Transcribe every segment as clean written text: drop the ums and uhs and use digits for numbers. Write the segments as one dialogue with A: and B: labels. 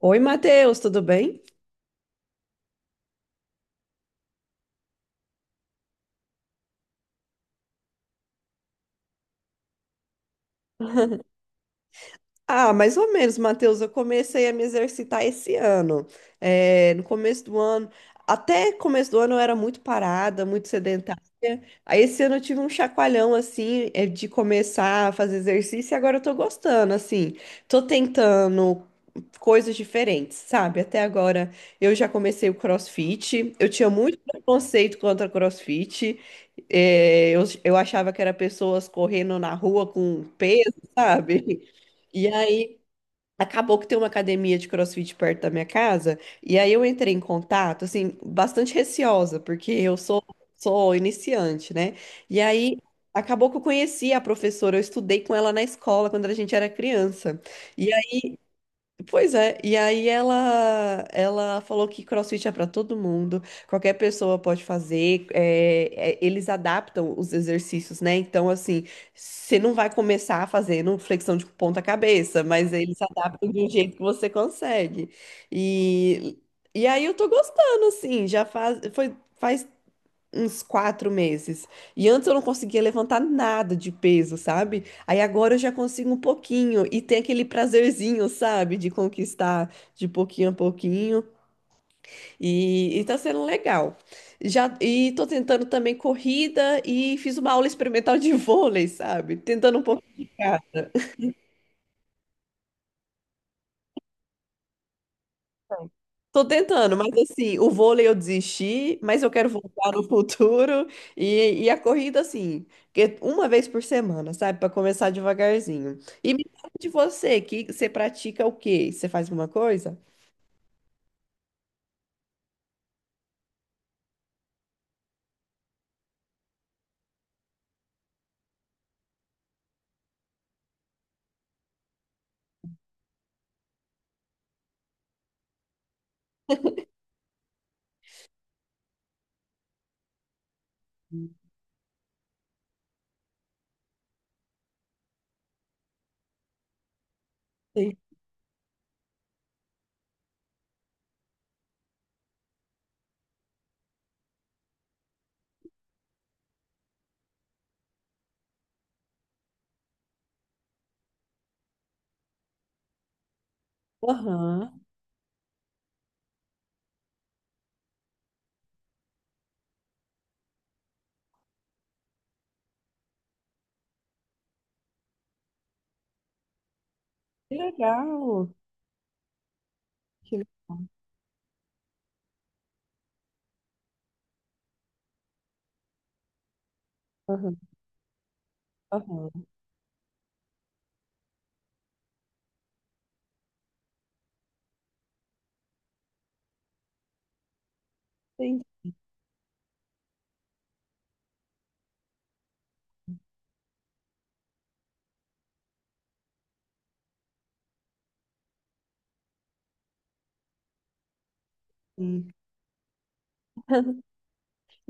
A: Oi, Matheus, tudo bem? Ah, mais ou menos, Matheus. Eu comecei a me exercitar esse ano. É, no começo do ano, até começo do ano eu era muito parada, muito sedentária. Aí esse ano eu tive um chacoalhão assim, é, de começar a fazer exercício e agora eu tô gostando, assim. Tô tentando coisas diferentes, sabe? Até agora eu já comecei o CrossFit, eu tinha muito preconceito contra CrossFit, eu achava que era pessoas correndo na rua com peso, sabe? E aí acabou que tem uma academia de CrossFit perto da minha casa, e aí eu entrei em contato, assim, bastante receosa, porque eu sou, sou iniciante, né? E aí. Acabou que eu conheci a professora, eu estudei com ela na escola quando a gente era criança. Pois é, e aí ela falou que CrossFit é para todo mundo, qualquer pessoa pode fazer, eles adaptam os exercícios, né? Então, assim, você não vai começar fazendo flexão de ponta cabeça, mas eles adaptam de um jeito que você consegue. E, e aí eu tô gostando, assim, faz uns 4 meses. E antes eu não conseguia levantar nada de peso, sabe? Aí agora eu já consigo um pouquinho e tem aquele prazerzinho, sabe? De conquistar de pouquinho a pouquinho. E tá sendo legal. Já, e tô tentando também corrida e fiz uma aula experimental de vôlei, sabe? Tentando um pouco de cada. Tô tentando, mas assim, o vôlei eu desisti, mas eu quero voltar no futuro e a corrida, assim, que uma vez por semana, sabe? Pra começar devagarzinho. E me fala de você, que você pratica o quê? Você faz alguma coisa? Sim. Aham. Que legal. Que legal. Aham. Aham. Entendi.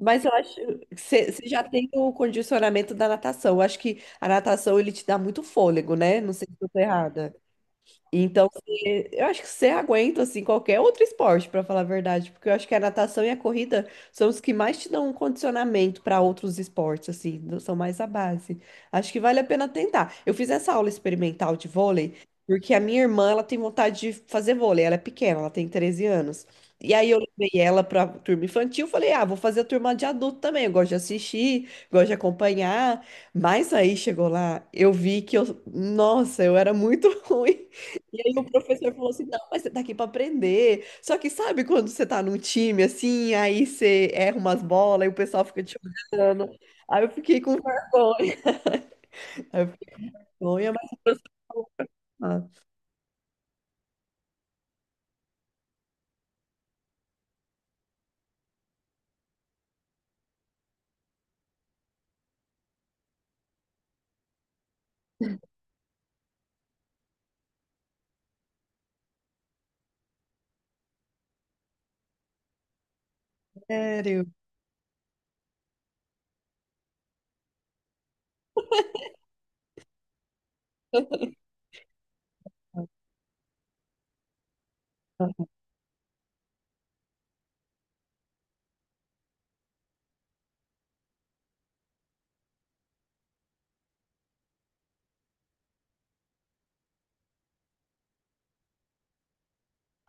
A: Mas eu acho que você já tem o condicionamento da natação. Eu acho que a natação ele te dá muito fôlego, né? Não sei se eu tô errada. Então, você- eu acho que você aguenta assim qualquer outro esporte, para falar a verdade, porque eu acho que a natação e a corrida são os que mais te dão um condicionamento para outros esportes, assim, do- são mais a base. Acho que vale a pena tentar. Eu fiz essa aula experimental de vôlei, porque a minha irmã, ela tem vontade de fazer vôlei, ela é pequena, ela tem 13 anos. E aí eu levei ela para turma infantil, falei: "Ah, vou fazer a turma de adulto também, eu gosto de assistir, gosto de acompanhar". Mas aí chegou lá, eu vi que eu, nossa, eu era muito ruim. E aí o professor falou assim, não, mas você tá aqui pra aprender. Só que sabe quando você tá num time assim, aí você erra umas bolas e o pessoal fica te olhando. Aí eu fiquei com vergonha. Aí eu fiquei com vergonha, mas ah, sério.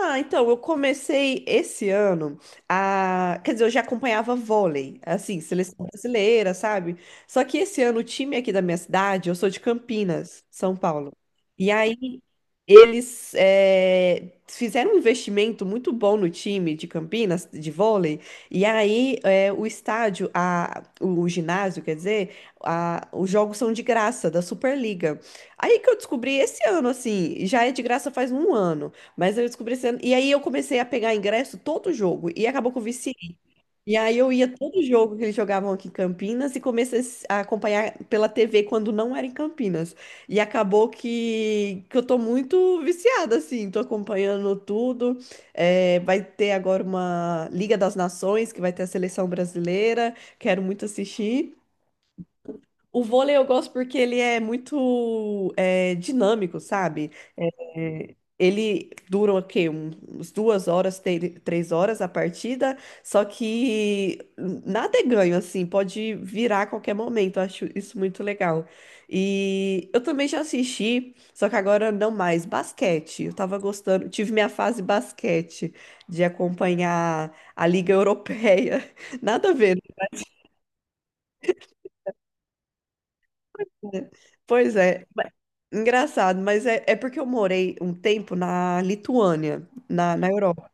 A: Ah, então, eu comecei esse ano a. Quer dizer, eu já acompanhava vôlei, assim, seleção brasileira, sabe? Só que esse ano o time aqui da minha cidade, eu sou de Campinas, São Paulo. E aí eles fizeram um investimento muito bom no time de Campinas, de vôlei. E aí o estádio, a, o ginásio, quer dizer, a- os jogos são de graça, da Superliga. Aí que eu descobri esse ano, assim, já é de graça faz um ano. Mas eu descobri esse ano. E aí eu comecei a pegar ingresso todo jogo. E acabou que eu viciei. E aí eu ia todo jogo que eles jogavam aqui em Campinas e comecei a s- a acompanhar pela TV quando não era em Campinas. E acabou que eu tô muito viciada, assim. Tô acompanhando tudo. É, vai ter agora uma Liga das Nações, que vai ter a seleção brasileira. Quero muito assistir. O vôlei eu gosto porque ele é muito é, dinâmico, sabe? Ele dura o quê? Um- Uns duas horas, te- três horas a partida, só que nada é ganho, assim, pode virar a qualquer momento, eu acho isso muito legal. E eu também já assisti, só que agora não mais, basquete. Eu tava gostando, tive minha fase basquete, de acompanhar a Liga Europeia, nada a ver, né? Pois é, mas- engraçado, mas é porque eu morei um tempo na Lituânia, na Europa.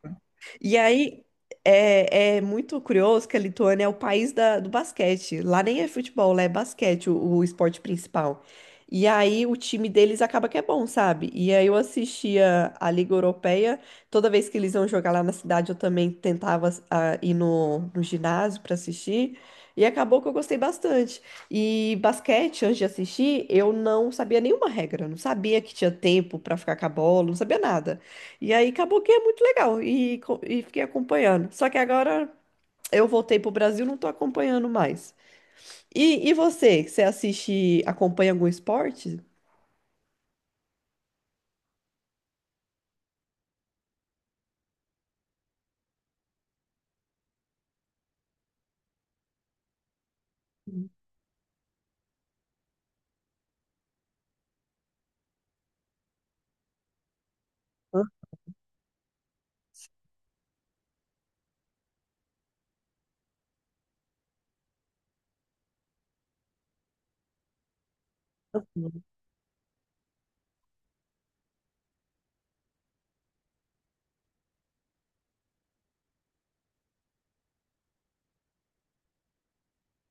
A: E aí é, é muito curioso que a Lituânia é o país da- do basquete. Lá nem é futebol, lá é basquete, o esporte principal. E aí o time deles acaba que é bom, sabe? E aí eu assistia a Liga Europeia. Toda vez que eles iam jogar lá na cidade, eu também tentava ah, ir no ginásio para assistir. E acabou que eu gostei bastante. E basquete, antes de assistir, eu não sabia nenhuma regra, não sabia que tinha tempo para ficar com a bola, não sabia nada. E aí acabou que é muito legal e fiquei acompanhando. Só que agora eu voltei pro Brasil, não tô acompanhando mais. E você, você assiste, acompanha algum esporte? Ah,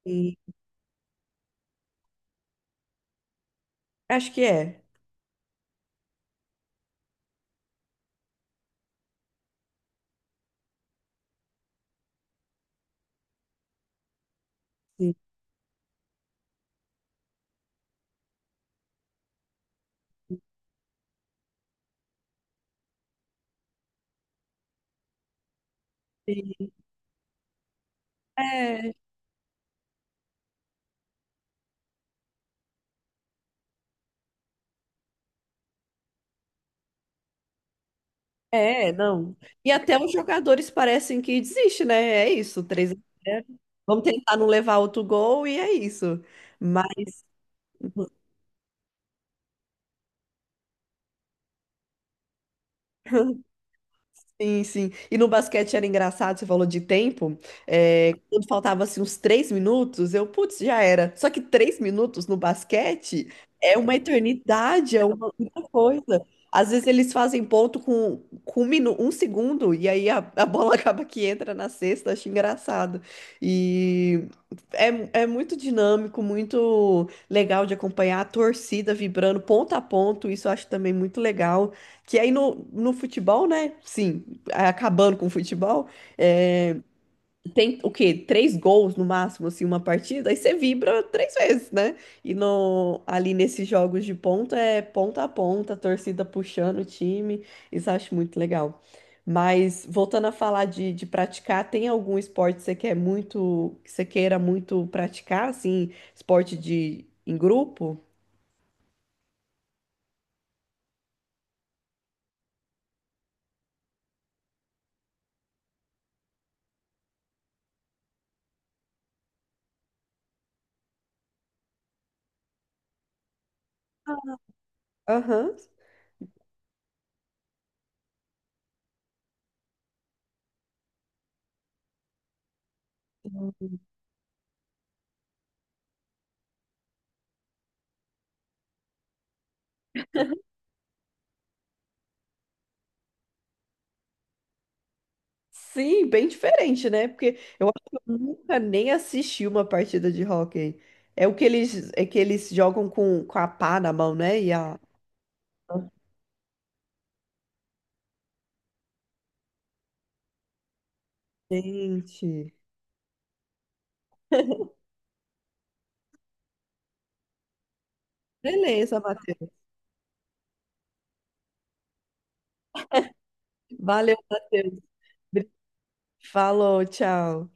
A: sim. Acho que é. Sim. Sim. É, não. E até os jogadores parecem que desistem, né? É isso, três a 0. Vamos tentar não levar outro gol e é isso. Mas Sim, sim. E no basquete era engraçado, você falou de tempo. É, quando faltava assim, uns três minutos, eu, putz, já era. Só que três minutos no basquete é uma eternidade, é uma muita coisa. Às vezes eles fazem ponto com um, minu- um segundo, e aí a bola acaba que entra na cesta, acho engraçado. E é, é muito dinâmico, muito legal de acompanhar a torcida vibrando ponto a ponto, isso eu acho também muito legal. Que aí no, no futebol, né? Sim acabando com o futebol, é, tem o quê? Três gols no máximo, assim, uma partida, aí você vibra três vezes, né? E no, ali nesses jogos de ponta é ponta a ponta, a torcida puxando o time, isso eu acho muito legal. Mas voltando a falar de praticar, tem algum esporte que você quer muito, que você queira muito praticar, assim, esporte de em grupo? Aham. Sim, bem diferente, né? Porque eu acho que eu nunca nem assisti uma partida de hóquei. É o que eles, é que eles jogam com a pá na mão, né? E a... Gente. Beleza, Matheus. Valeu, Matheus. Falou, tchau.